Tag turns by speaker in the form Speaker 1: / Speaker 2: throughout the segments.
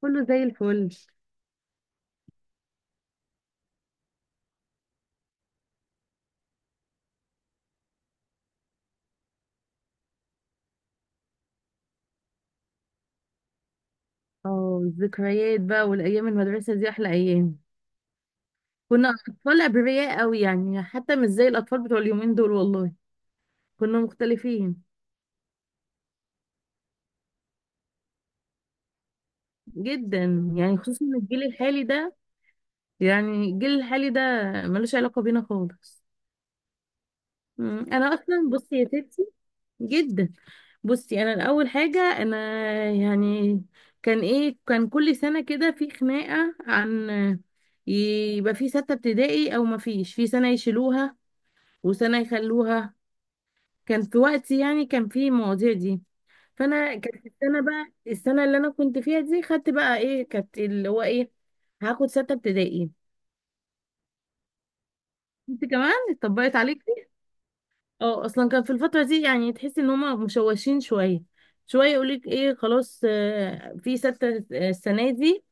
Speaker 1: كله زي الفل. اه الذكريات بقى والايام المدرسه دي احلى ايام. كنا اطفال ابرياء قوي، يعني حتى مش زي الاطفال بتوع اليومين دول والله. كنا مختلفين جدا، يعني خصوصا الجيل الحالي ده. يعني الجيل الحالي ده ملوش علاقه بينا خالص. انا اصلا بصي يا تيتي جدا. بصي، انا الاول حاجه، انا يعني كان ايه، كل سنه كده في خناقه عن يبقى في ستة ابتدائي او ما فيش، في سنة يشيلوها وسنة يخلوها. كان في وقتي يعني كان في المواضيع دي. فانا كانت السنة، بقى السنة اللي انا كنت فيها دي خدت بقى ايه، كانت اللي هو ايه، هاخد ستة ابتدائي. انت كمان اتطبقت عليك دي؟ اه، اصلا كان في الفترة دي يعني تحس ان هما مشوشين شوية. شوية يقولك ايه، خلاص في ستة السنة دي،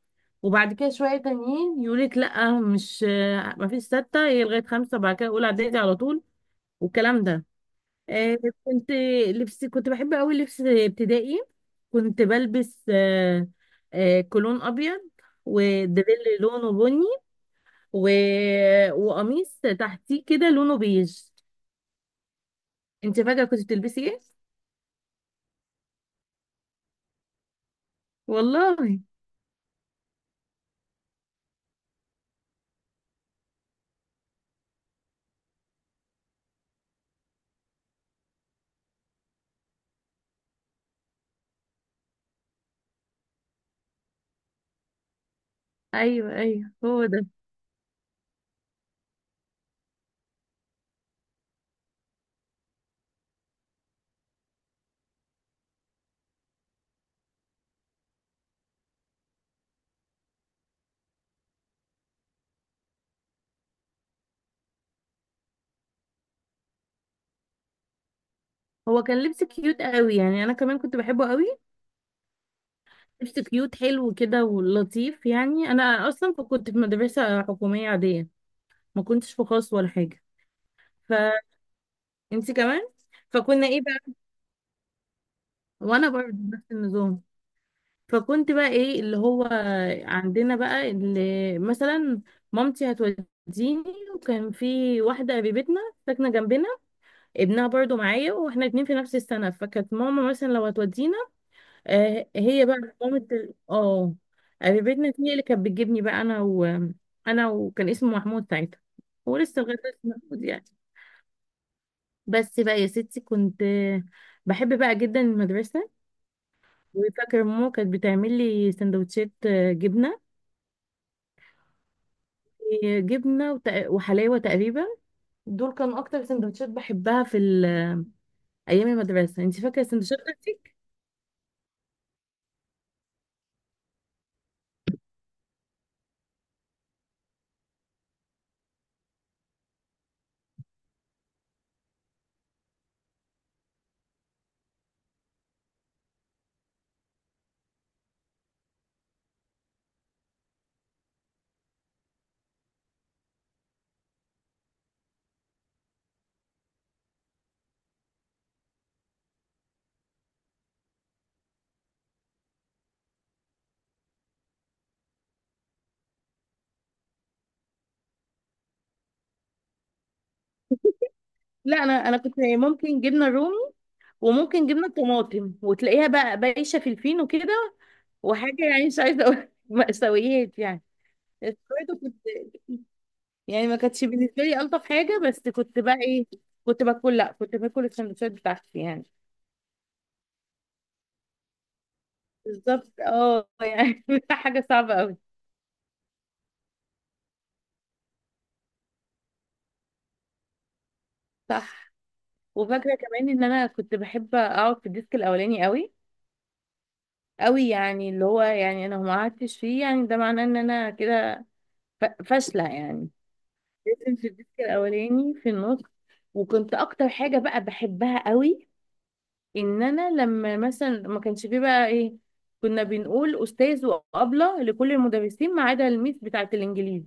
Speaker 1: وبعد كده شوية تانيين يقولك لأ، مش مفيش ستة، هي لغاية خمسة بعد كده أولى إعدادي على طول، والكلام ده. آه، كنت لبس، كنت بحب قوي لبس ابتدائي. كنت بلبس كولون ابيض ودريل لونه بني، و... وقميص تحتيه كده لونه بيج. انت فاكره كنت بتلبسي ايه؟ والله. ايوه ايوه، هو ده. هو كان لبس كيوت قوي، يعني انا كمان كنت بحبه قوي. لبس كيوت حلو كده ولطيف. يعني انا اصلا كنت في مدرسه حكوميه عاديه، ما كنتش في خاص ولا حاجه. فانت كمان. فكنا ايه، وانا برضه نفس النظام. فكنت بقى ايه اللي هو، عندنا بقى اللي مثلا مامتي هتوديني، وكان في واحده قريبتنا ساكنه جنبنا ابنها برضه معايا، واحنا اتنين في نفس السنه، فكانت ماما مثلا لو هتودينا، آه هي بقى مامة ال- اه، قريبتنا دي هي اللي كانت بتجيبني بقى انا وكان اسمه محمود ساعتها. هو لسه لغايه دلوقتي اسمه محمود يعني. بس بقى يا ستي، كنت بحب بقى جدا المدرسه. وفاكره ماما كانت بتعمل لي سندوتشات جبنه، آه، جبنه وت- وحلاوه تقريبا. دول كانوا اكتر سندوتشات بحبها في ال- ايام المدرسه. انت فاكره السندوتشات بتاعتك؟ لا، انا كنت ممكن جبنه رومي وممكن جبنه طماطم، وتلاقيها بقى بايشه في الفينو كده، وحاجه يعني مش عايزه اقول مأساويات يعني. بس برضه كنت، يعني ما كانتش بالنسبه لي الطف حاجه، بس كنت بقى ايه، كنت باكل لا كنت باكل السندوتشات بتاعتي يعني. بالظبط اه يعني حاجه صعبه قوي. صح. وفاكره كمان ان انا كنت بحب اقعد في الديسك الاولاني قوي قوي، يعني اللي هو يعني انا لو ما قعدتش فيه يعني ده معناه ان انا كده فاشله يعني. لازم في الديسك الاولاني في النص. وكنت اكتر حاجه بقى بحبها قوي ان انا لما مثلا ما كانش فيه بقى ايه، كنا بنقول استاذ وابله لكل المدرسين ما عدا الميس بتاعه الانجليزي،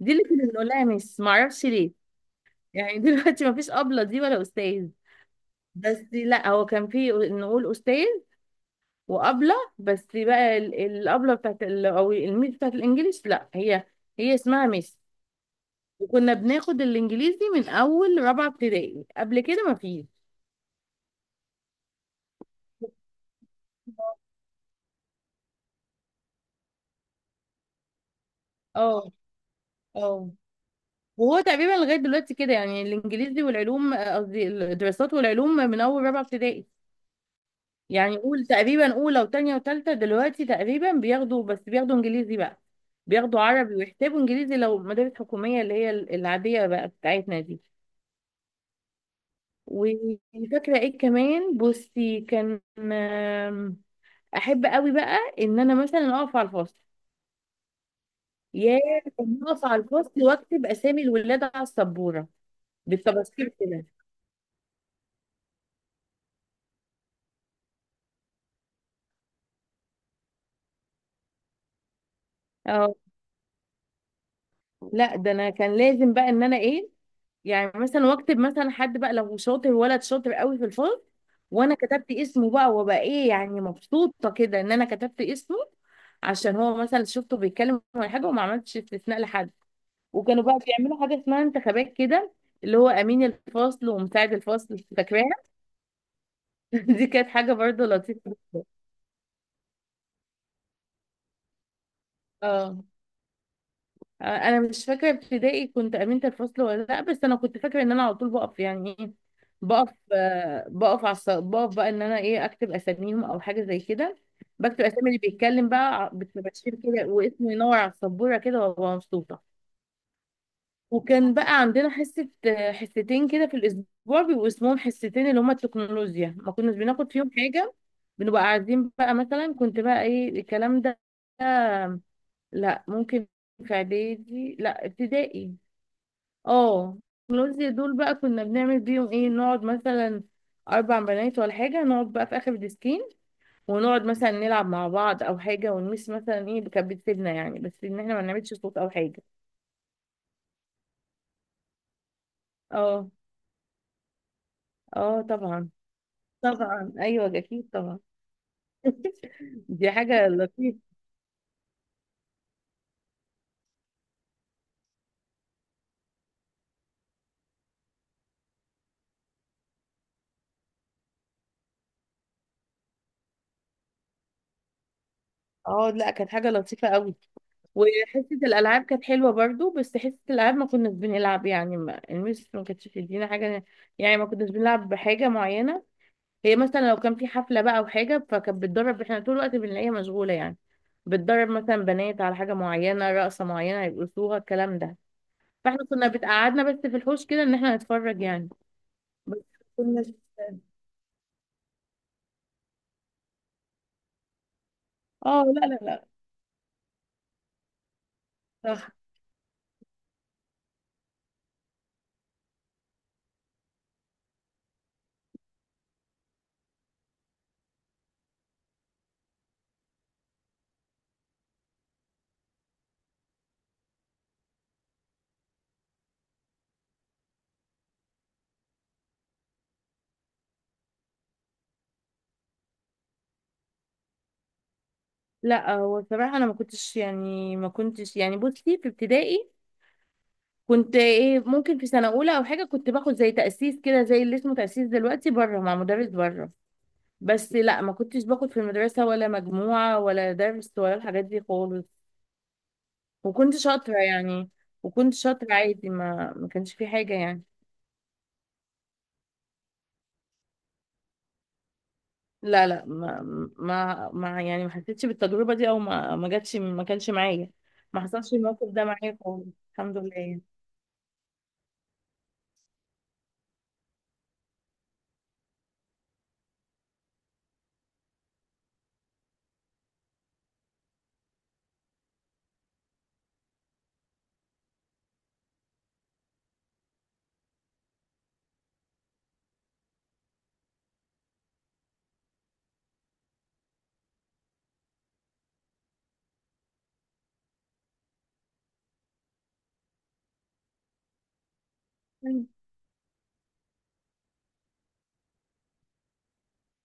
Speaker 1: دي اللي كنا بنقولها يا ميس، ما اعرفش ليه يعني دلوقتي ما فيش ابله دي ولا استاذ، بس لا هو كان فيه نقول استاذ وابله، بس بقى ال- الابله بتاعت ال- او الميس بتاعت الانجليش، لا هي هي اسمها ميس. وكنا بناخد الانجليزي من اول رابعه ابتدائي، قبل كده ما فيش. اه اه. وهو تقريبا لغايه دلوقتي كده يعني الانجليزي والعلوم، قصدي الدراسات والعلوم، من اول رابعه ابتدائي. يعني قول تقريبا اولى وثانيه وثالثه دلوقتي تقريبا بياخدوا، بس بياخدوا انجليزي بقى، بياخدوا عربي ويحتاجوا انجليزي، لو مدارس حكوميه اللي هي ال- العاديه بقى بتاعتنا دي. وفاكره ايه كمان، بصي كان احب قوي بقى ان انا مثلا اقف على الفصل. يا كان اقف على الفصل واكتب اسامي الولاد على السبوره بالطباشير كده. اه لا، ده انا كان لازم بقى ان انا ايه، يعني مثلا واكتب مثلا حد بقى لو شاطر، ولد شاطر قوي في الفصل وانا كتبت اسمه بقى، وابقى ايه يعني مبسوطه كده ان انا كتبت اسمه، عشان هو مثلا شفته بيتكلم ولا حاجه وما عملتش استثناء لحد. وكانوا بقى بيعملوا حاجة اسمها انتخابات كده، اللي هو أمين الفصل ومساعد الفصل، فاكراها؟ دي كانت حاجة برضه لطيفة. اه. أنا مش فاكرة ابتدائي كنت أمينة الفصل ولا لأ، بس أنا كنت فاكرة إن أنا على طول بقف يعني إيه، بقف آه، بقف على الص- بقف بقى إن أنا إيه أكتب أساميهم أو حاجة زي كده. بكتب أسامي اللي بيتكلم بقى ع- بالطباشير كده، واسمه ينور على السبورة كده وأبقى مبسوطة. وكان بقى عندنا حصتين كده في الأسبوع بيبقوا اسمهم حصتين، اللي هما التكنولوجيا، ما كناش بناخد فيهم حاجة. بنبقى قاعدين بقى مثلا، كنت بقى إيه الكلام ده، لا ممكن في إعدادي لا ابتدائي. اه التكنولوجيا دول بقى كنا بنعمل بيهم إيه، نقعد مثلا أربع بنات ولا حاجة، نقعد بقى في آخر الديسكين ونقعد مثلا نلعب مع بعض أو حاجة، ونمس مثلا إيه، كانت بتسيبنا يعني بس إن إحنا ما نعملش صوت أو حاجة. اه اه. طبعا. طبعا ايوه اكيد طبعا. دي حاجه لطيفه. اه لا، كانت حاجه لطيفه قوي. وحصه الالعاب كانت حلوه برضو، بس حصه الالعاب ما كناش بنلعب، يعني ما المس ما كانتش بتدينا حاجه، يعني ما كناش بنلعب بحاجه معينه. هي مثلا لو كان في حفله بقى او حاجه فكانت بتدرب، احنا طول الوقت بنلاقيها مشغوله يعني، بتدرب مثلا بنات على حاجه معينه، رقصه معينه يرقصوها، الكلام ده. فاحنا كنا بتقعدنا بس في الحوش كده ان احنا نتفرج يعني. بس كنا. اه. لا لا لا لا، هو بصراحة أنا ما كنتش يعني، ما كنتش يعني، بصي في ابتدائي كنت إيه، ممكن في سنة أولى أو حاجة كنت باخد زي تأسيس كده، زي اللي اسمه تأسيس دلوقتي، بره مع مدرس بره، بس لا ما كنتش باخد في المدرسة ولا مجموعة ولا درس ولا الحاجات دي خالص. وكنت شاطرة يعني، وكنت شاطرة عادي، ما كانش في حاجة يعني. لا، ما ما, ما يعني ما حسيتش بالتجربة دي، أو ما ما جاتش، ما كانش معايا. ما حصلش الموقف ده معايا خالص. الحمد لله يعني.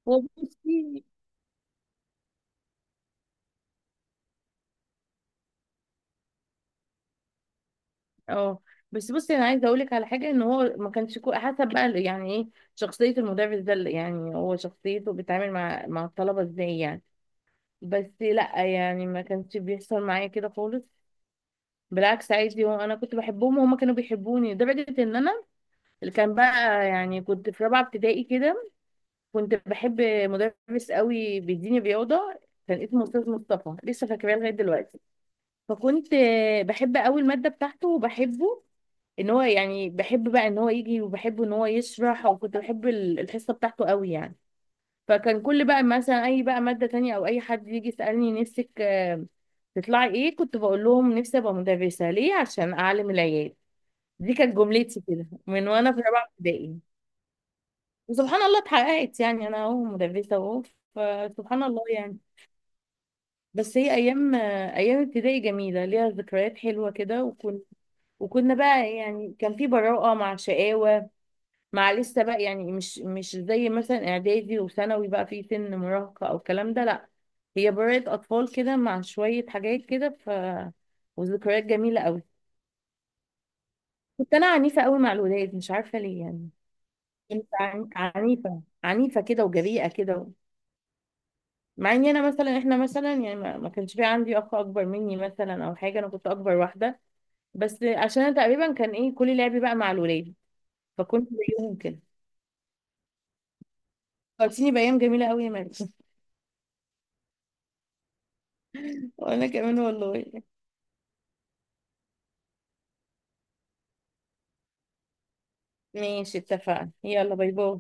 Speaker 1: هو بصي، اه، بس بصي انا عايزه اقول لك على حاجه، ان هو ما كانش كو- حسب بقى يعني ايه شخصيه المدرس ده اللي- يعني هو شخصيته بيتعامل مع الطلبه ازاي يعني. بس لا يعني ما كانش بيحصل معايا كده خالص. بالعكس عادي، هو انا كنت بحبهم وهما كانوا بيحبوني لدرجه ان انا اللي كان بقى، يعني كنت في رابعه ابتدائي كده، كنت بحب مدرس قوي بيديني رياضه، كان اسمه استاذ مصطفى، لسه فاكراه لغايه دلوقتي. فكنت بحب قوي الماده بتاعته وبحبه، ان هو يعني بحب بقى ان هو يجي وبحب ان هو يشرح، وكنت بحب ال- الحصه بتاعته قوي يعني. فكان كل بقى مثلا اي بقى ماده تانية او اي حد يجي يسالني، نفسك تطلعي ايه، كنت بقول لهم نفسي ابقى مدرسه، ليه؟ عشان اعلم العيال. دي كانت جملتي كده من وانا في رابعه ابتدائي. وسبحان الله اتحققت يعني، انا اهو مدرسه اهو، فسبحان الله يعني. بس هي ايام، ايام ابتدائي جميله ليها ذكريات حلوه كده وكنا بقى يعني كان في براءه مع شقاوه، مع لسه بقى يعني، مش زي مثلا اعدادي وثانوي بقى في سن مراهقة او الكلام ده، لا هي برائة اطفال كده مع شوية حاجات كده ف، وذكريات جميلة قوي. كنت انا عنيفة قوي مع الولاد، مش عارفة ليه يعني، كنت عنيفة عنيفة كده وجريئة كده. مع اني انا مثلا، احنا مثلا يعني ما ما كانش في عندي اخ اكبر مني مثلا او حاجة، انا كنت اكبر واحدة، بس عشان انا تقريبا كان ايه كل لعبي بقى مع الولاد فكنت زيهم كده. فكرتيني بايام جميلة قوي يا مريم وانا كمان والله. ماشي اتفقنا، يلا باي باي.